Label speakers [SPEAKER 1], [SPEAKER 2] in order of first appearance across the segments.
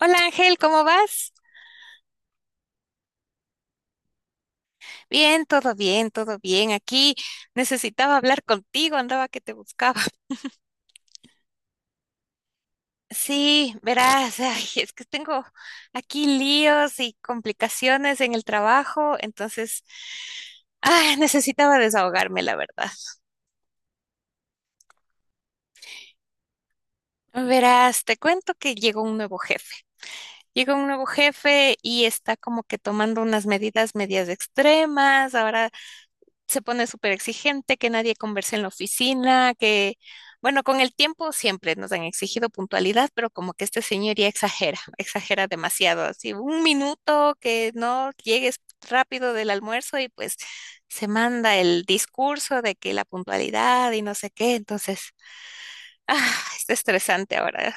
[SPEAKER 1] Hola Ángel, ¿cómo vas? Bien, todo bien, todo bien. Aquí necesitaba hablar contigo, andaba que te buscaba. Sí, verás, ay, es que tengo aquí líos y complicaciones en el trabajo, entonces ay, necesitaba desahogarme, la verdad. Verás, te cuento que llegó un nuevo jefe. Llegó un nuevo jefe y está como que tomando unas medidas medias extremas. Ahora se pone súper exigente, que nadie converse en la oficina, que, bueno, con el tiempo siempre nos han exigido puntualidad, pero como que este señor ya exagera, exagera demasiado, así un minuto que no llegues rápido del almuerzo y pues se manda el discurso de que la puntualidad y no sé qué, entonces, ah, está estresante ahora.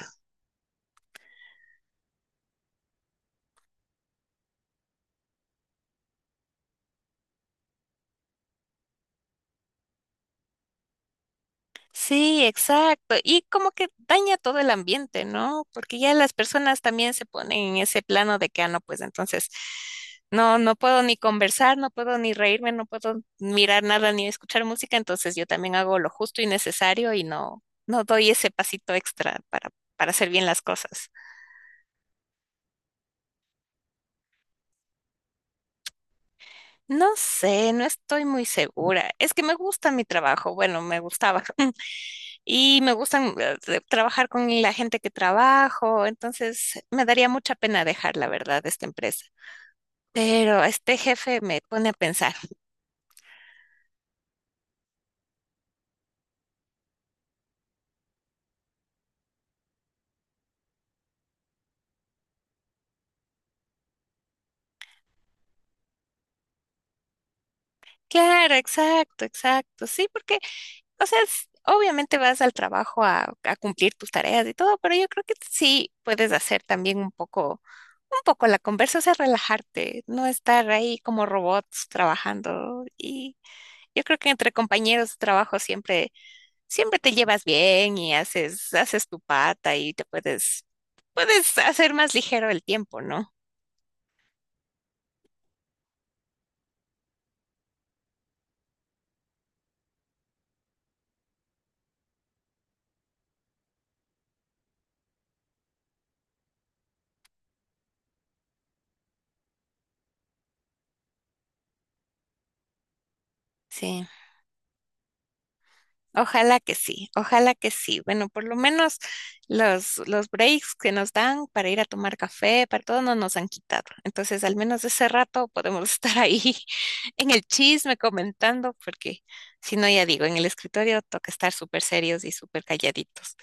[SPEAKER 1] Sí, exacto. Y como que daña todo el ambiente, ¿no? Porque ya las personas también se ponen en ese plano de que, ah, no, pues entonces no puedo ni conversar, no puedo ni reírme, no puedo mirar nada ni escuchar música, entonces yo también hago lo justo y necesario y no doy ese pasito extra para hacer bien las cosas. No sé, no estoy muy segura. Es que me gusta mi trabajo, bueno, me gustaba. Y me gustan trabajar con la gente que trabajo, entonces me daría mucha pena dejar, la verdad, esta empresa. Pero este jefe me pone a pensar. Claro, exacto, exacto, sí, porque, o sea, obviamente vas al trabajo a cumplir tus tareas y todo, pero yo creo que sí puedes hacer también un poco la conversa, o sea, relajarte, no estar ahí como robots trabajando. Y yo creo que entre compañeros de trabajo siempre te llevas bien y haces, haces tu pata y te puedes, puedes hacer más ligero el tiempo, ¿no? Sí, ojalá que sí, ojalá que sí. Bueno, por lo menos los breaks que nos dan para ir a tomar café, para todo, no nos han quitado. Entonces, al menos ese rato podemos estar ahí en el chisme comentando, porque si no, ya digo, en el escritorio toca estar súper serios y súper calladitos.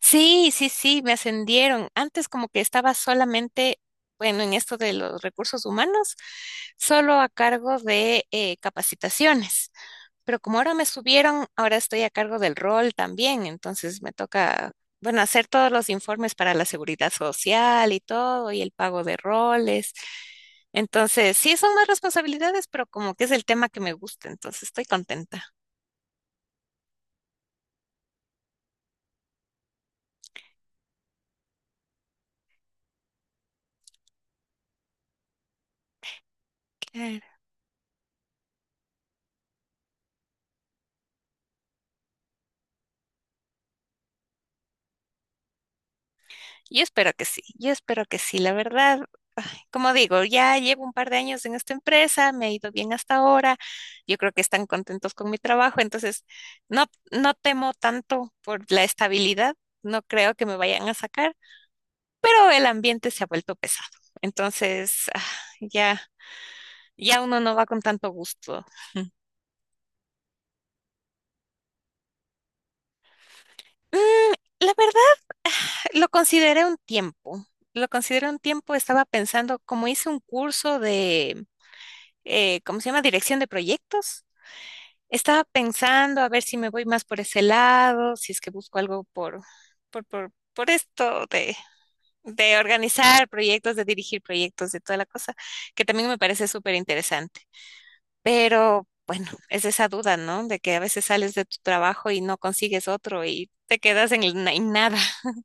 [SPEAKER 1] Sí, sí, sí, me ascendieron. Antes como que estaba solamente, bueno, en esto de los recursos humanos, solo a cargo de capacitaciones. Pero como ahora me subieron, ahora estoy a cargo del rol también. Entonces me toca, bueno, hacer todos los informes para la seguridad social y todo, y el pago de roles. Entonces, sí, son más responsabilidades, pero como que es el tema que me gusta, entonces estoy contenta. Claro. Yo espero que sí, yo espero que sí, la verdad. Como digo, ya llevo un par de años en esta empresa, me ha ido bien hasta ahora, yo creo que están contentos con mi trabajo, entonces no temo tanto por la estabilidad, no creo que me vayan a sacar, pero el ambiente se ha vuelto pesado, entonces ya, ya uno no va con tanto gusto. Mm, la verdad, lo consideré un tiempo, lo consideré un tiempo, estaba pensando, como hice un curso de, ¿cómo se llama? Dirección de proyectos. Estaba pensando a ver si me voy más por ese lado, si es que busco algo por esto de organizar proyectos, de dirigir proyectos, de toda la cosa, que también me parece súper interesante. Pero bueno, es esa duda, ¿no? De que a veces sales de tu trabajo y no consigues otro y te quedas en, en nada.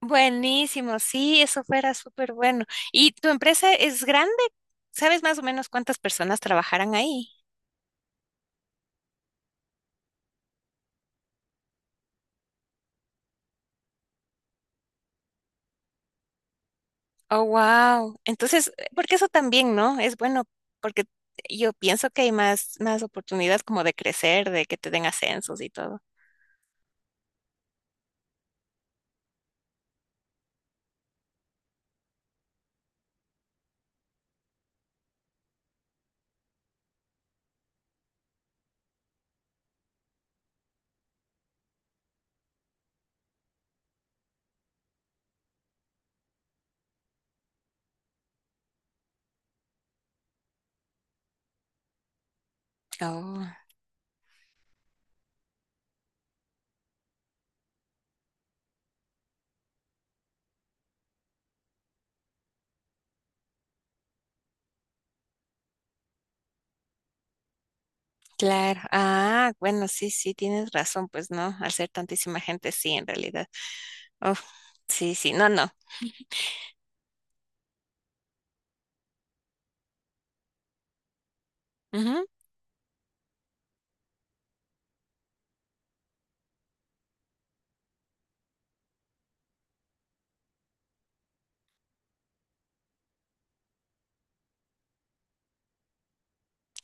[SPEAKER 1] Buenísimo, sí, eso fuera súper bueno. ¿Y tu empresa es grande? ¿Sabes más o menos cuántas personas trabajarán ahí? Oh, wow. Entonces, porque eso también, ¿no? Es bueno, porque yo pienso que hay más, más oportunidad como de crecer, de que te den ascensos y todo. Oh, claro. Ah, bueno, sí, sí, tienes razón, pues no, al ser tantísima gente, sí, en realidad. Oh, sí, sí, no, no. Ujú.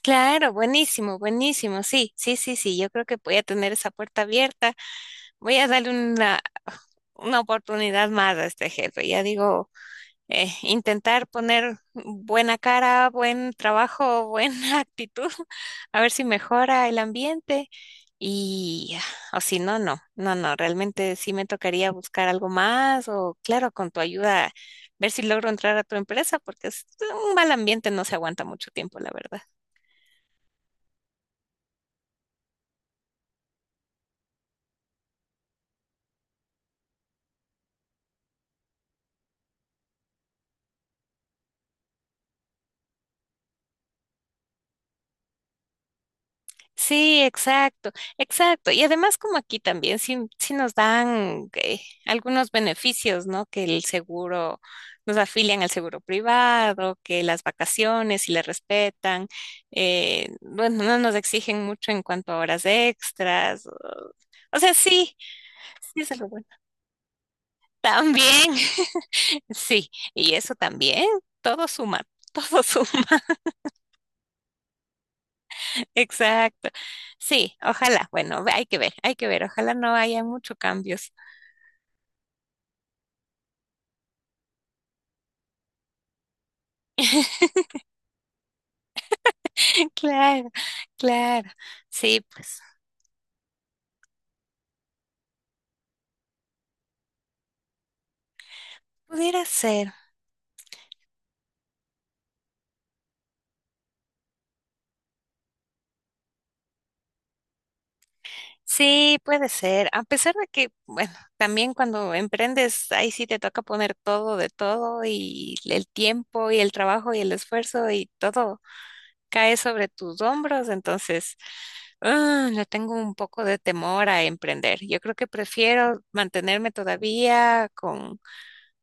[SPEAKER 1] Claro, buenísimo, buenísimo. Sí, sí, sí, sí. Yo creo que voy a tener esa puerta abierta. Voy a darle una oportunidad más a este jefe. Ya digo, intentar poner buena cara, buen trabajo, buena actitud, a ver si mejora el ambiente. Y, o si no, no, no, no, realmente sí me tocaría buscar algo más o, claro, con tu ayuda, ver si logro entrar a tu empresa, porque es un mal ambiente, no se aguanta mucho tiempo, la verdad. Sí, exacto, exacto. Y además como aquí también sí, sí nos dan algunos beneficios, ¿no? Que el seguro, nos afilian al seguro privado, que las vacaciones si le respetan, bueno, no nos exigen mucho en cuanto a horas extras. O sea, sí, sí es algo bueno. También, sí, y eso también, todo suma, todo suma. Exacto. Sí, ojalá. Bueno, hay que ver, hay que ver. Ojalá no haya muchos cambios. Claro, claro. Sí, pues pudiera ser. Sí, puede ser. A pesar de que, bueno, también cuando emprendes, ahí sí te toca poner todo de todo y el tiempo y el trabajo y el esfuerzo y todo cae sobre tus hombros. Entonces, ah, le tengo un poco de temor a emprender. Yo creo que prefiero mantenerme todavía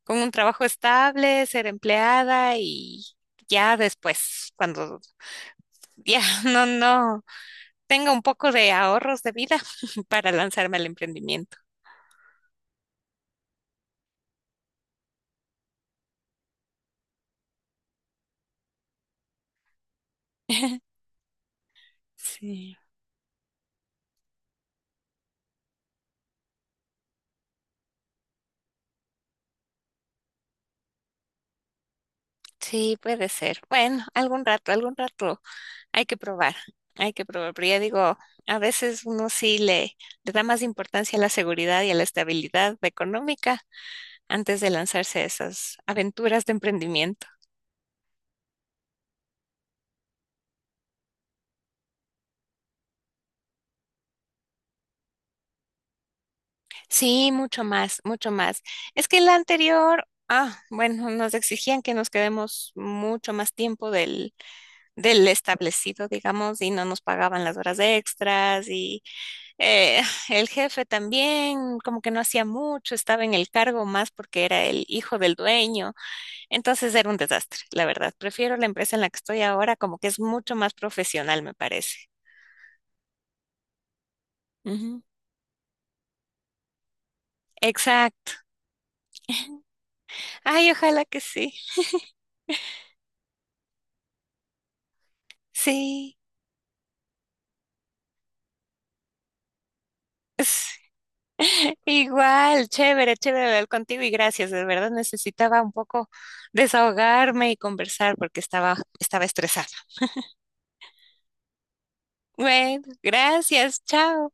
[SPEAKER 1] con un trabajo estable, ser empleada y ya después, cuando ya no tenga un poco de ahorros de vida para lanzarme al emprendimiento. Sí, sí, puede ser. Bueno, algún rato hay que probar, hay que probar. Pero ya digo, a veces uno le da más importancia a la seguridad y a la estabilidad económica antes de lanzarse a esas aventuras de emprendimiento. Sí, mucho más, mucho más. Es que la anterior, ah, bueno, nos exigían que nos quedemos mucho más tiempo del establecido, digamos, y no nos pagaban las horas extras y eh, el jefe también como que no hacía mucho, estaba en el cargo más porque era el hijo del dueño. Entonces era un desastre, la verdad. Prefiero la empresa en la que estoy ahora, como que es mucho más profesional, me parece. Ujú. Exacto. Ay, ojalá que sí. Sí. Igual, chévere, chévere hablar contigo y gracias. De verdad necesitaba un poco desahogarme y conversar porque estaba, estaba estresada. Bueno, gracias, chao.